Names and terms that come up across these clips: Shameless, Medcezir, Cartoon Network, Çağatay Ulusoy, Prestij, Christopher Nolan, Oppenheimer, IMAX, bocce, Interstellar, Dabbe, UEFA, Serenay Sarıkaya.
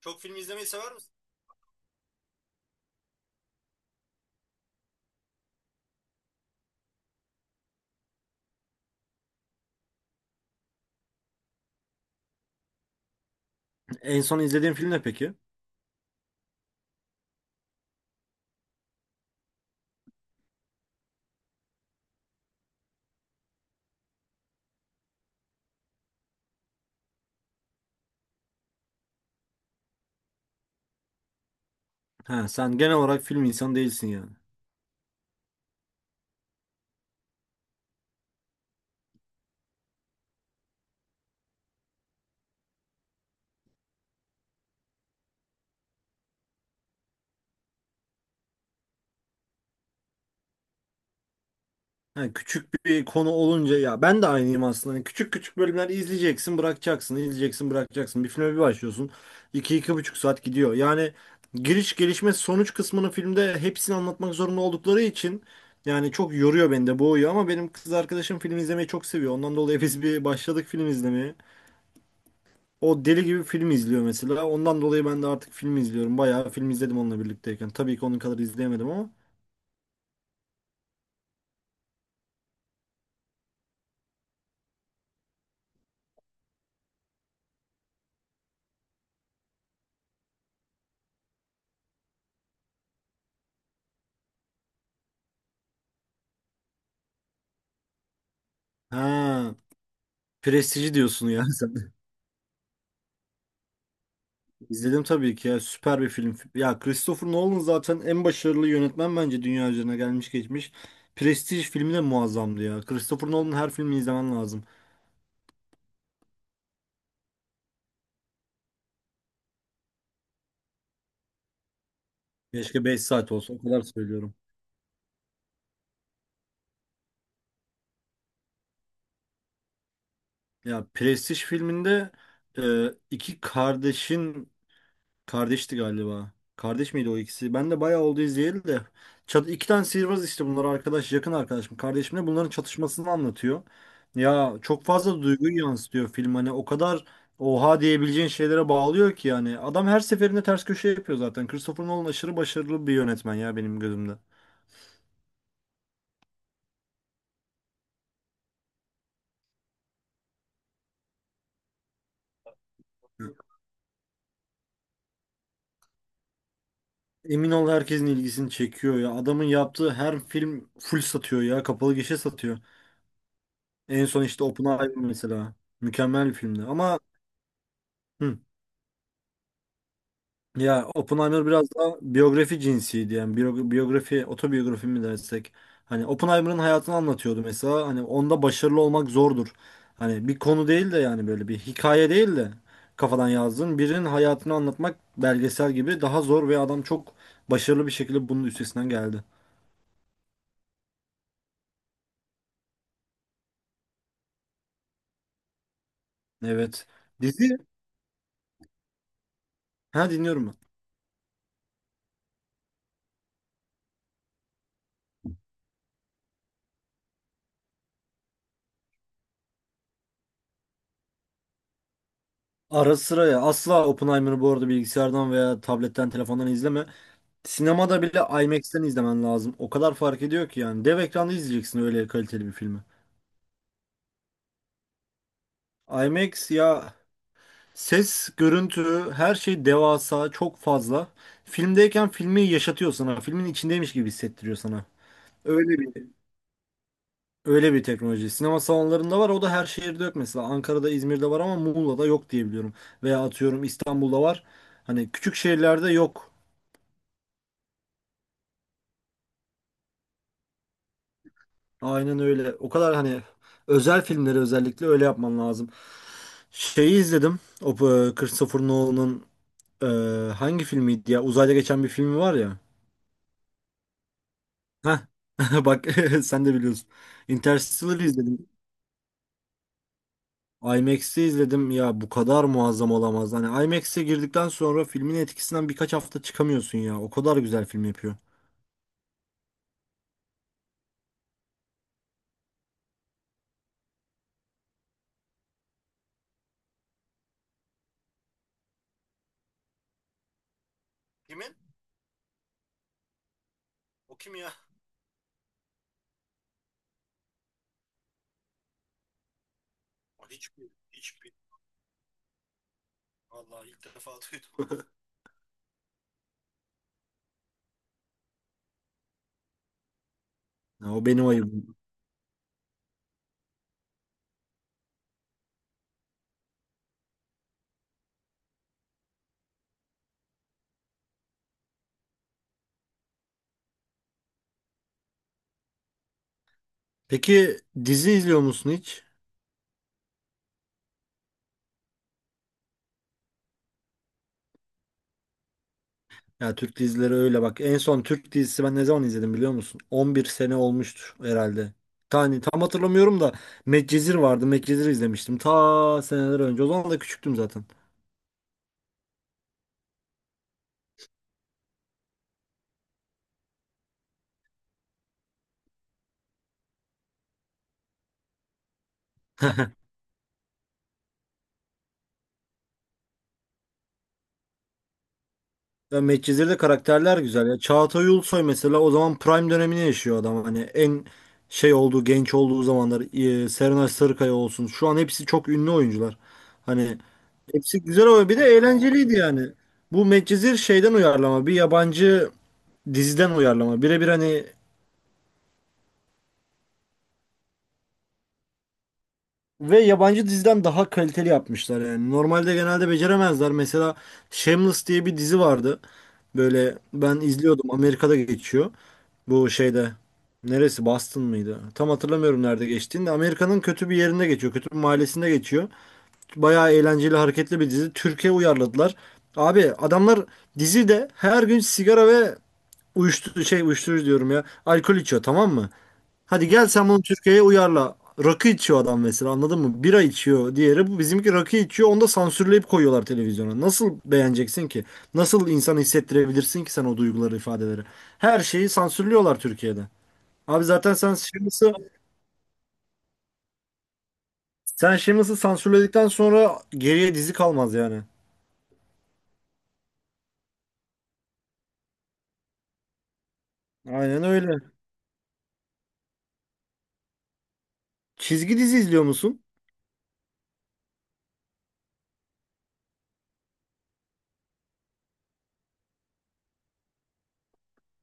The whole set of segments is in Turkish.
Çok film izlemeyi sever misin? En son izlediğin film ne peki? Ha, sen genel olarak film insanı değilsin yani. Ha, küçük bir konu olunca ya ben de aynıyım aslında. Hani küçük küçük bölümler izleyeceksin, bırakacaksın, izleyeceksin, bırakacaksın. Bir filme bir başlıyorsun. İki 2,5 saat gidiyor. Yani giriş, gelişme, sonuç kısmını filmde hepsini anlatmak zorunda oldukları için yani çok yoruyor beni de boğuyor ama benim kız arkadaşım film izlemeyi çok seviyor. Ondan dolayı biz bir başladık film izlemeye. O deli gibi film izliyor mesela. Ondan dolayı ben de artık film izliyorum. Bayağı film izledim onunla birlikteyken. Tabii ki onun kadar izleyemedim ama. Ha, Prestiji diyorsun ya sen. İzledim tabii ki ya. Süper bir film. Ya Christopher Nolan zaten en başarılı yönetmen bence dünya üzerine gelmiş geçmiş. Prestij filmi de muazzamdı ya. Christopher Nolan'ın her filmini izlemen lazım. Keşke 5 saat olsa. O kadar söylüyorum. Ya Prestij filminde iki kardeşin. Kardeşti galiba. Kardeş miydi o ikisi? Ben de bayağı oldu izleyeli de. Çat iki tane sihirbaz işte bunlar arkadaş, yakın arkadaşım, kardeşimle bunların çatışmasını anlatıyor. Ya çok fazla duyguyu yansıtıyor film hani o kadar oha diyebileceğin şeylere bağlıyor ki yani. Adam her seferinde ters köşe yapıyor zaten. Christopher Nolan aşırı başarılı bir yönetmen ya benim gözümde. Emin ol herkesin ilgisini çekiyor ya. Adamın yaptığı her film full satıyor ya. Kapalı gişe satıyor. En son işte Oppenheimer mesela. Mükemmel bir filmdi ama hı. Ya Oppenheimer biraz daha biyografi cinsiydi yani biyografi otobiyografi mi dersek hani Oppenheimer'ın hayatını anlatıyordu mesela hani onda başarılı olmak zordur. Hani bir konu değil de yani böyle bir hikaye değil de kafadan yazdığın birinin hayatını anlatmak belgesel gibi daha zor ve adam çok başarılı bir şekilde bunun üstesinden geldi. Evet. Dizi ha dinliyorum ben. Ara sıra ya asla Oppenheimer'ı bu arada bilgisayardan veya tabletten telefondan izleme. Sinemada bile IMAX'ten izlemen lazım. O kadar fark ediyor ki yani. Dev ekranda izleyeceksin öyle kaliteli bir filmi. IMAX ya ses, görüntü, her şey devasa, çok fazla. Filmdeyken filmi yaşatıyor sana. Filmin içindeymiş gibi hissettiriyor sana. Öyle bir öyle bir teknoloji. Sinema salonlarında var. O da her şehirde yok mesela. Ankara'da, İzmir'de var ama Muğla'da yok diye biliyorum. Veya atıyorum İstanbul'da var. Hani küçük şehirlerde yok. Aynen öyle. O kadar hani özel filmleri özellikle öyle yapman lazım. Şeyi izledim. O Christopher Nolan'ın e, hangi filmiydi ya? Uzayda geçen bir filmi var ya. Heh. Bak sen de biliyorsun. Interstellar'ı izledim. IMAX'i izledim. Ya bu kadar muazzam olamaz. Hani IMAX'e girdikten sonra filmin etkisinden birkaç hafta çıkamıyorsun ya. O kadar güzel film yapıyor. Kimin? O kim ya? O hiçbir, hiçbir. Vallahi ilk defa duydum. Ya, o benim ayıbım. Peki dizi izliyor musun hiç? Ya Türk dizileri öyle bak. En son Türk dizisi ben ne zaman izledim biliyor musun? 11 sene olmuştur herhalde. Tane tam hatırlamıyorum da Medcezir vardı. Medcezir izlemiştim. Ta seneler önce. O zaman da küçüktüm zaten. Ya Medcezir'de karakterler güzel ya. Çağatay Ulusoy mesela o zaman prime dönemini yaşıyor adam. Hani en şey olduğu, genç olduğu zamanlar. Serenay Sarıkaya olsun. Şu an hepsi çok ünlü oyuncular. Hani hepsi güzel ama bir de eğlenceliydi yani. Bu Medcezir şeyden uyarlama. Bir yabancı diziden uyarlama. Birebir hani ve yabancı diziden daha kaliteli yapmışlar yani. Normalde genelde beceremezler. Mesela Shameless diye bir dizi vardı. Böyle ben izliyordum. Amerika'da geçiyor. Bu şeyde neresi Boston mıydı? Tam hatırlamıyorum nerede geçtiğini. De. Amerika'nın kötü bir yerinde geçiyor. Kötü bir mahallesinde geçiyor. Bayağı eğlenceli, hareketli bir dizi. Türkiye uyarladılar. Abi adamlar dizide her gün sigara ve uyuşturucu şey uyuşturucu diyorum ya. Alkol içiyor tamam mı? Hadi gel sen bunu Türkiye'ye uyarla. Rakı içiyor adam mesela anladın mı? Bira içiyor diğeri. Bu bizimki rakı içiyor. Onu da sansürleyip koyuyorlar televizyona. Nasıl beğeneceksin ki? Nasıl insan hissettirebilirsin ki sen o duyguları, ifadeleri? Her şeyi sansürlüyorlar Türkiye'de. Abi zaten sen Shameless'ı sansürledikten sonra geriye dizi kalmaz yani. Aynen öyle. Çizgi dizi izliyor musun?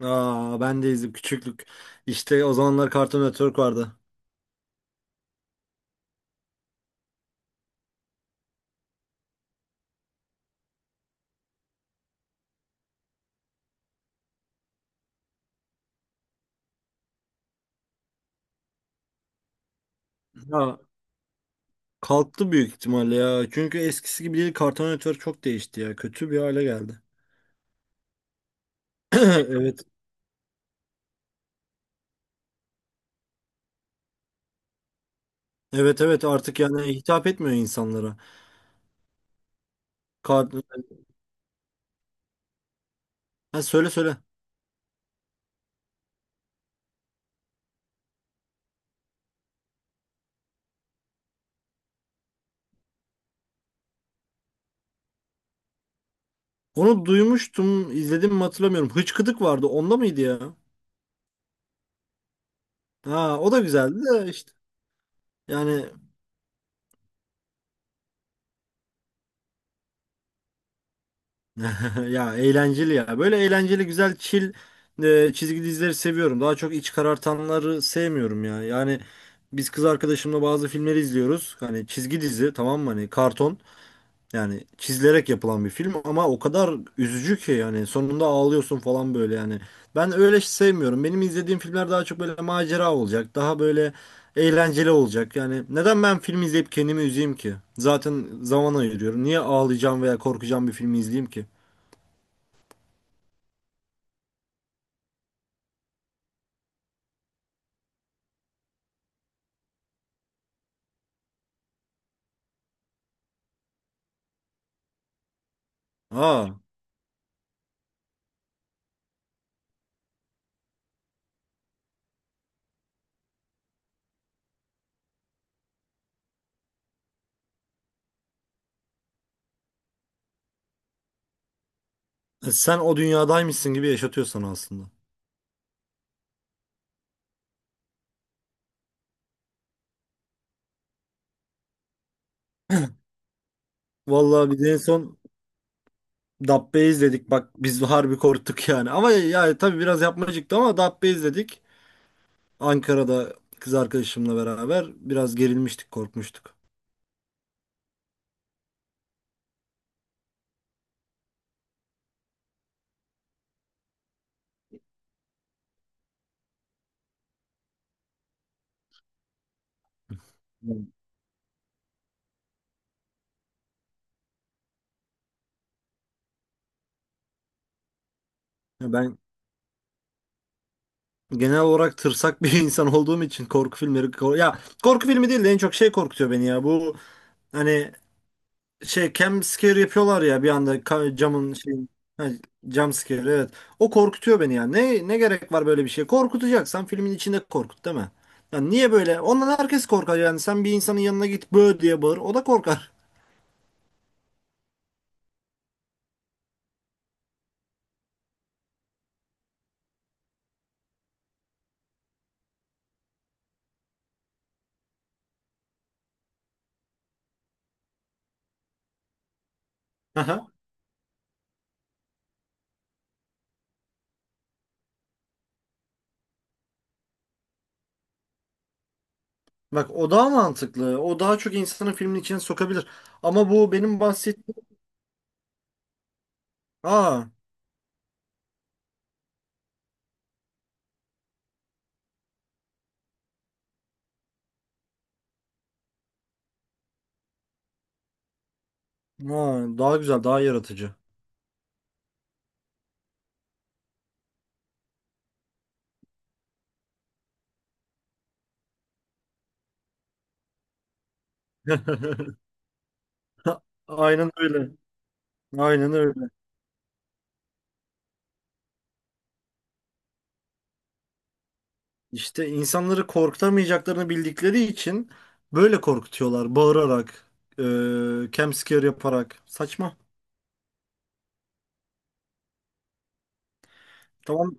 Aa, ben de izledim küçüklük. İşte o zamanlar Cartoon Network vardı. Ha, kalktı büyük ihtimalle ya. Çünkü eskisi gibi değil. Kartal Network çok değişti ya. Kötü bir hale geldi. Evet. Evet, evet, artık yani hitap etmiyor insanlara. Kart... Ha, söyle söyle. Onu duymuştum, izledim mi hatırlamıyorum. Hıçkıdık vardı. Onda mıydı ya? Ha, o da güzeldi de işte. Yani ya eğlenceli ya. Böyle eğlenceli, güzel, chill çizgi dizileri seviyorum. Daha çok iç karartanları sevmiyorum ya. Yani biz kız arkadaşımla bazı filmleri izliyoruz. Hani çizgi dizi tamam mı? Hani karton. Yani çizilerek yapılan bir film ama o kadar üzücü ki yani sonunda ağlıyorsun falan böyle yani. Ben öyle sevmiyorum. Benim izlediğim filmler daha çok böyle macera olacak. Daha böyle eğlenceli olacak. Yani neden ben film izleyip kendimi üzeyim ki? Zaten zaman ayırıyorum. Niye ağlayacağım veya korkacağım bir filmi izleyeyim ki? Aa, sen o dünyadaymışsın gibi yaşatıyorsun aslında. Vallahi biz en son Dabbe izledik. Bak biz harbi korktuk yani. Ama yani tabii biraz yapmacıktı ama Dabbe izledik. Ankara'da kız arkadaşımla beraber biraz gerilmiştik, korkmuştuk. Hmm. Ya ben genel olarak tırsak bir insan olduğum için korku filmleri ya korku filmi değil de en çok şey korkutuyor beni ya. Bu hani şey cam scare yapıyorlar ya bir anda camın şey ha, jump scare evet. O korkutuyor beni ya. Ne gerek var böyle bir şeye? Korkutacaksan filmin içinde korkut değil mi? Yani niye böyle? Ondan herkes korkar yani. Sen bir insanın yanına git bö diye bağır. O da korkar. Bak o daha mantıklı. O daha çok insanı filmin içine sokabilir. Ama bu benim bahsettiğim... Aa, aa, daha güzel, daha yaratıcı. Aynen öyle. Aynen öyle. İşte insanları korkutamayacaklarını bildikleri için böyle korkutuyorlar. Bağırarak, e, jump scare yaparak. Saçma. Tamam.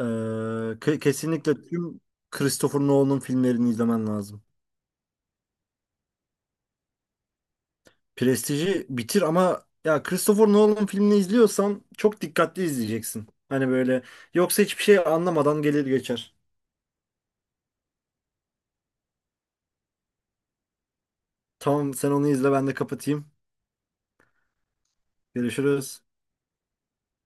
E, kesinlikle tüm Christopher Nolan'ın filmlerini izlemen lazım. Prestiji bitir ama ya Christopher Nolan filmini izliyorsan çok dikkatli izleyeceksin. Hani böyle yoksa hiçbir şey anlamadan gelir geçer. Tamam sen onu izle ben de kapatayım. Görüşürüz.